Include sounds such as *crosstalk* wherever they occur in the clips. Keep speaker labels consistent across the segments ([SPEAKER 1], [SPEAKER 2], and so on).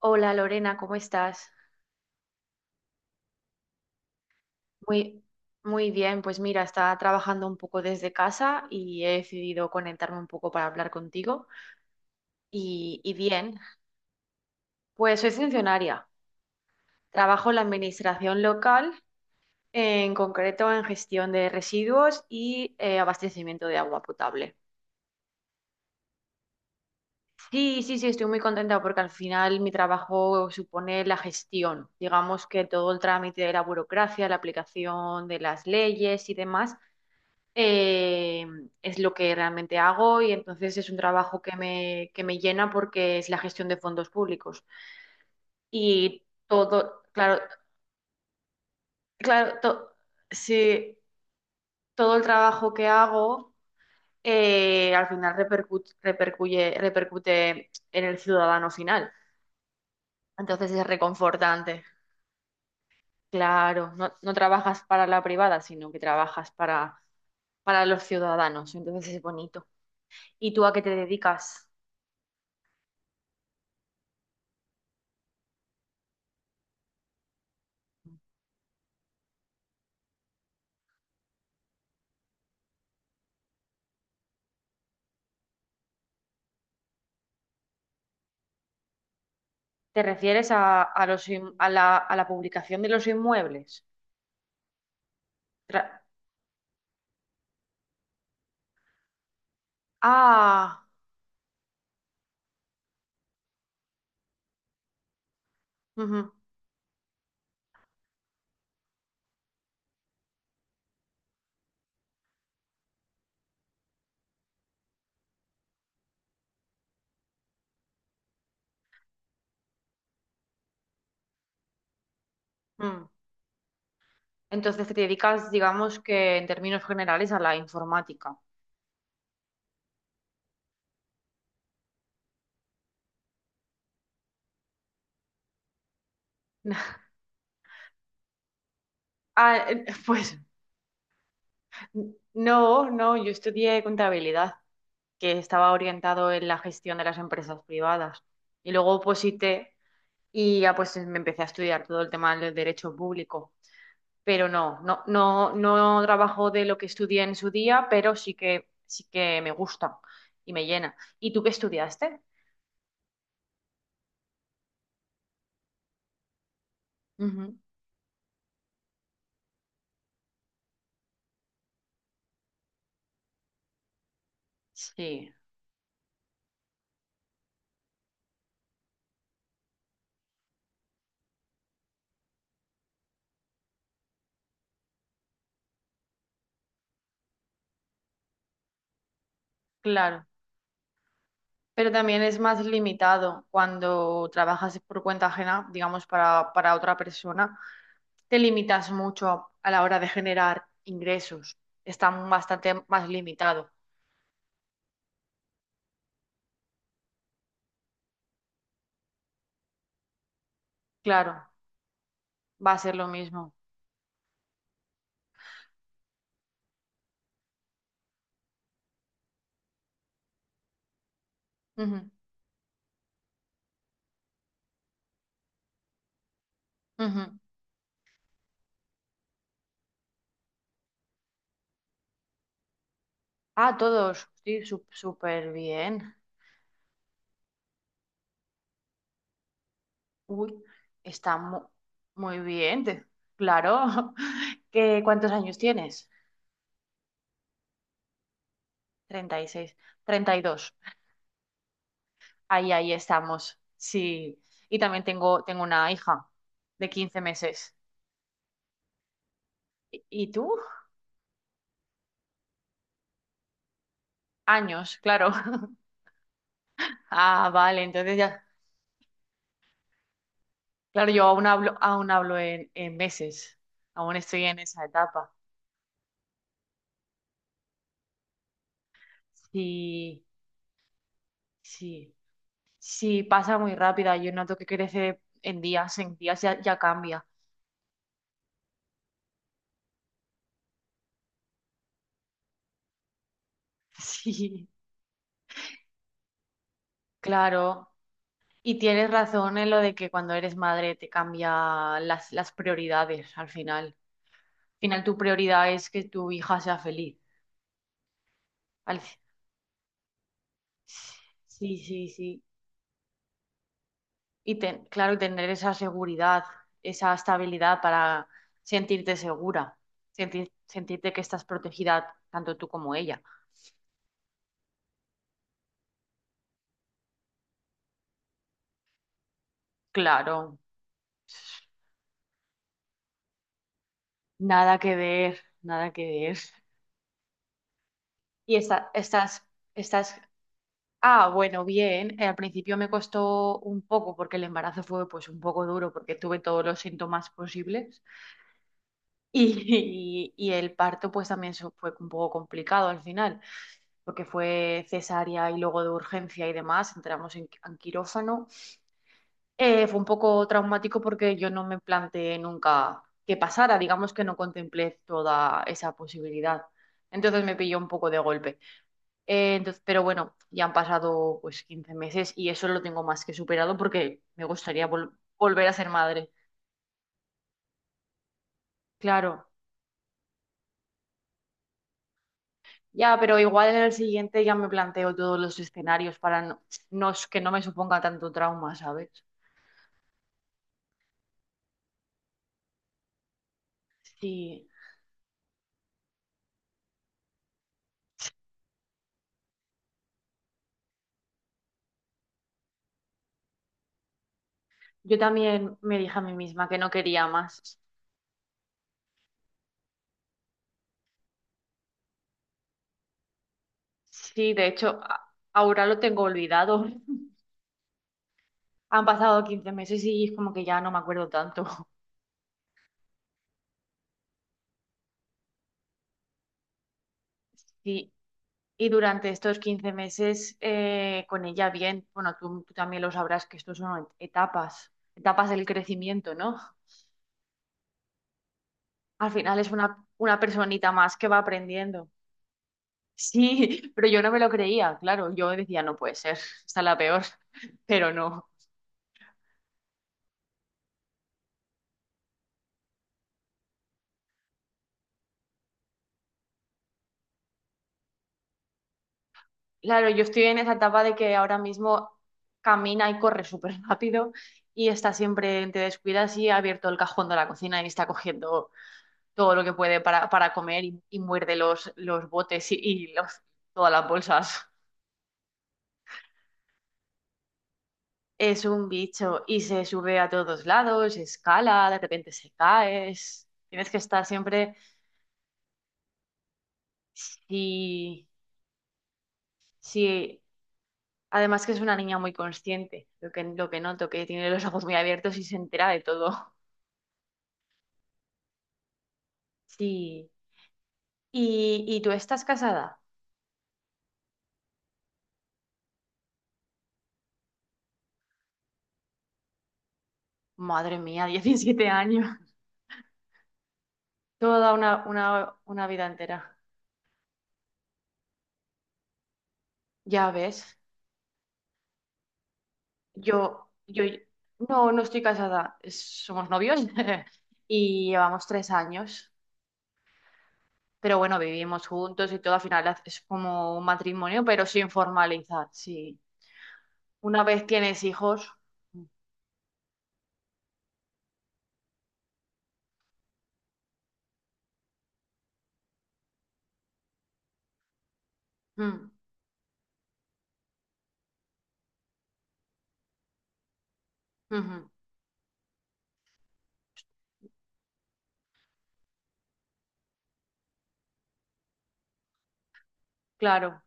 [SPEAKER 1] Hola Lorena, ¿cómo estás? Muy, muy bien, pues mira, estaba trabajando un poco desde casa y he decidido conectarme un poco para hablar contigo. Y bien, pues soy funcionaria. Trabajo en la administración local, en concreto en gestión de residuos y abastecimiento de agua potable. Sí, sí, sí, estoy muy contenta porque al final mi trabajo supone la gestión, digamos que todo el trámite de la burocracia, la aplicación de las leyes y demás, eh, es lo que realmente hago y entonces es un trabajo que me llena porque es la gestión de fondos públicos. Y todo, claro, claro, sí, todo el trabajo que hago, al final repercute en el ciudadano final. Entonces es reconfortante. Claro, no, no trabajas para la privada, sino que trabajas para los ciudadanos. Entonces es bonito. ¿Y tú a qué te dedicas? ¿Te refieres a los, a a la publicación de los inmuebles? Tra- ah, ujú, mm. Entonces te dedicas, digamos que en términos generales, a la informática. *laughs* Pues no, no, yo estudié contabilidad, que estaba orientado en la gestión de las empresas privadas. Y luego oposité y ya pues me empecé a estudiar todo el tema del derecho público. Pero no, no, no, no trabajo de lo que estudié en su día, pero sí que me gusta y me llena. ¿Y tú qué estudiaste? Ujú. Sí, claro. Pero también es más limitado cuando trabajas por cuenta ajena, digamos, para otra persona. Te limitas mucho a la hora de generar ingresos. Está bastante más limitado. Claro, va a ser lo mismo. Ujú, ujú. Ah, todos. Sí, súper bien. Uy, está muy bien, claro. *laughs* ¿Qué, cuántos años tienes? Treinta, treinta y seis, treinta y dos. Ahí, ahí estamos. Sí. Y también tengo, tengo una hija de 15 meses. Y tú? Años, claro. *laughs* Ah, vale, entonces ya. Claro, yo aún hablo en meses. Aún estoy en esa etapa. Sí, sí. Sí, pasa muy rápida. Yo noto que crece en días ya, ya cambia. *laughs* Sí. Claro, y tienes razón en lo de que cuando eres madre te cambia las prioridades al final. Al final tu prioridad es que tu hija sea feliz. Al- fi- Sí, sí, sí. Y claro, tener esa seguridad, esa estabilidad para sentirte segura, sentirte que estás protegida tanto tú como ella. Claro, nada que ver, nada que ver. Y estás. Ah, bueno, bien. Al principio me costó un poco porque el embarazo fue pues un poco duro porque tuve todos los síntomas posibles *laughs* y el parto pues también fue un poco complicado al final porque fue cesárea y luego de urgencia y demás, entramos en quirófano. Fue un poco traumático porque yo no me planteé nunca que pasara, digamos que no contemplé toda esa posibilidad. Entonces me pilló un poco de golpe. Pero bueno, ya han pasado pues 15 meses y eso lo tengo más que superado porque me gustaría volver a ser madre. Claro, ya, pero igual en el siguiente ya me planteo todos los escenarios para que no me suponga tanto trauma, ¿sabes? Sí, yo también me dije a mí misma que no quería más. Sí, de hecho, ahora lo tengo olvidado. *laughs* Han pasado 15 meses y es como que ya no me acuerdo tanto. *laughs* Sí, y durante estos 15 meses con ella bien, bueno, tú también lo sabrás que estos son etapas, etapas del crecimiento, ¿no? Al final es una personita más que va aprendiendo. Sí, *laughs* pero yo no me lo creía, claro, yo decía, no puede ser, está la peor, *laughs* pero no. Claro, yo estoy en esa etapa de que ahora mismo camina y corre súper rápido y está siempre, te descuidas y ha abierto el cajón de la cocina y está cogiendo todo lo que puede para comer y muerde los botes todas las bolsas. Es un bicho y se sube a todos lados, escala, de repente se cae. Tienes que estar siempre. Sí, sí. Además que es una niña muy consciente, lo que noto, que tiene los ojos muy abiertos y se entera de todo. Sí. Y tú estás casada? Madre mía, *laughs* 17 años. Toda una vida entera. Ya ves. Yo, yo, no, no estoy casada, somos novios *laughs* y llevamos tres años, pero bueno, vivimos juntos y todo, al final es como un matrimonio, pero sin formalizar, sí. Una vez tienes hijos, mm, ujú, claro.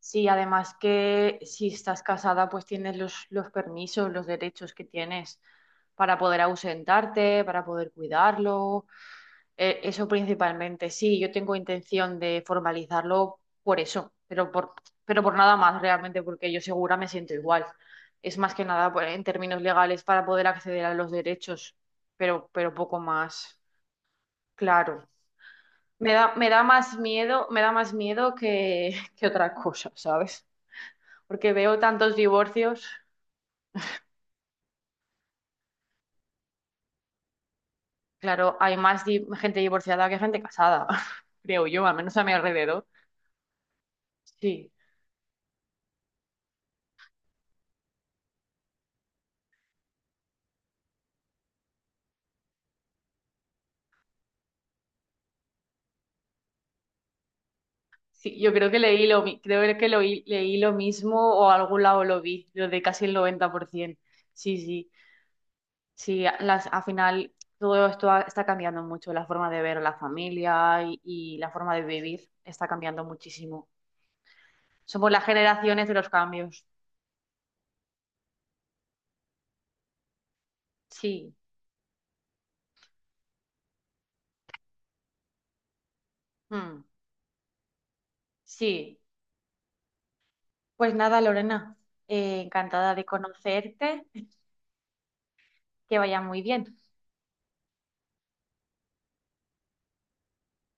[SPEAKER 1] Sí, además que si estás casada, pues tienes los permisos, los derechos que tienes para poder ausentarte, para poder cuidarlo. Eso principalmente, sí, yo tengo intención de formalizarlo por eso, pero por nada más realmente, porque yo segura me siento igual. Es más que nada pues, en términos legales para poder acceder a los derechos, pero poco más, claro. Me da más miedo, me da más miedo que, *laughs* que otra cosa, ¿sabes? Porque veo tantos divorcios, claro, hay más gente divorciada que gente casada, *laughs* creo yo, al menos a mi alrededor. Sí. Sí, yo creo que leí lo, creo que lo, leí lo mismo o a algún lado lo vi, lo de casi el 90%. Sí, sí, sí, al final todo esto está cambiando mucho, la forma de ver a la familia y la forma de vivir está cambiando muchísimo. Somos las generaciones de los cambios. Sí, mm, sí. Pues nada, Lorena, encantada de conocerte, que vaya muy bien.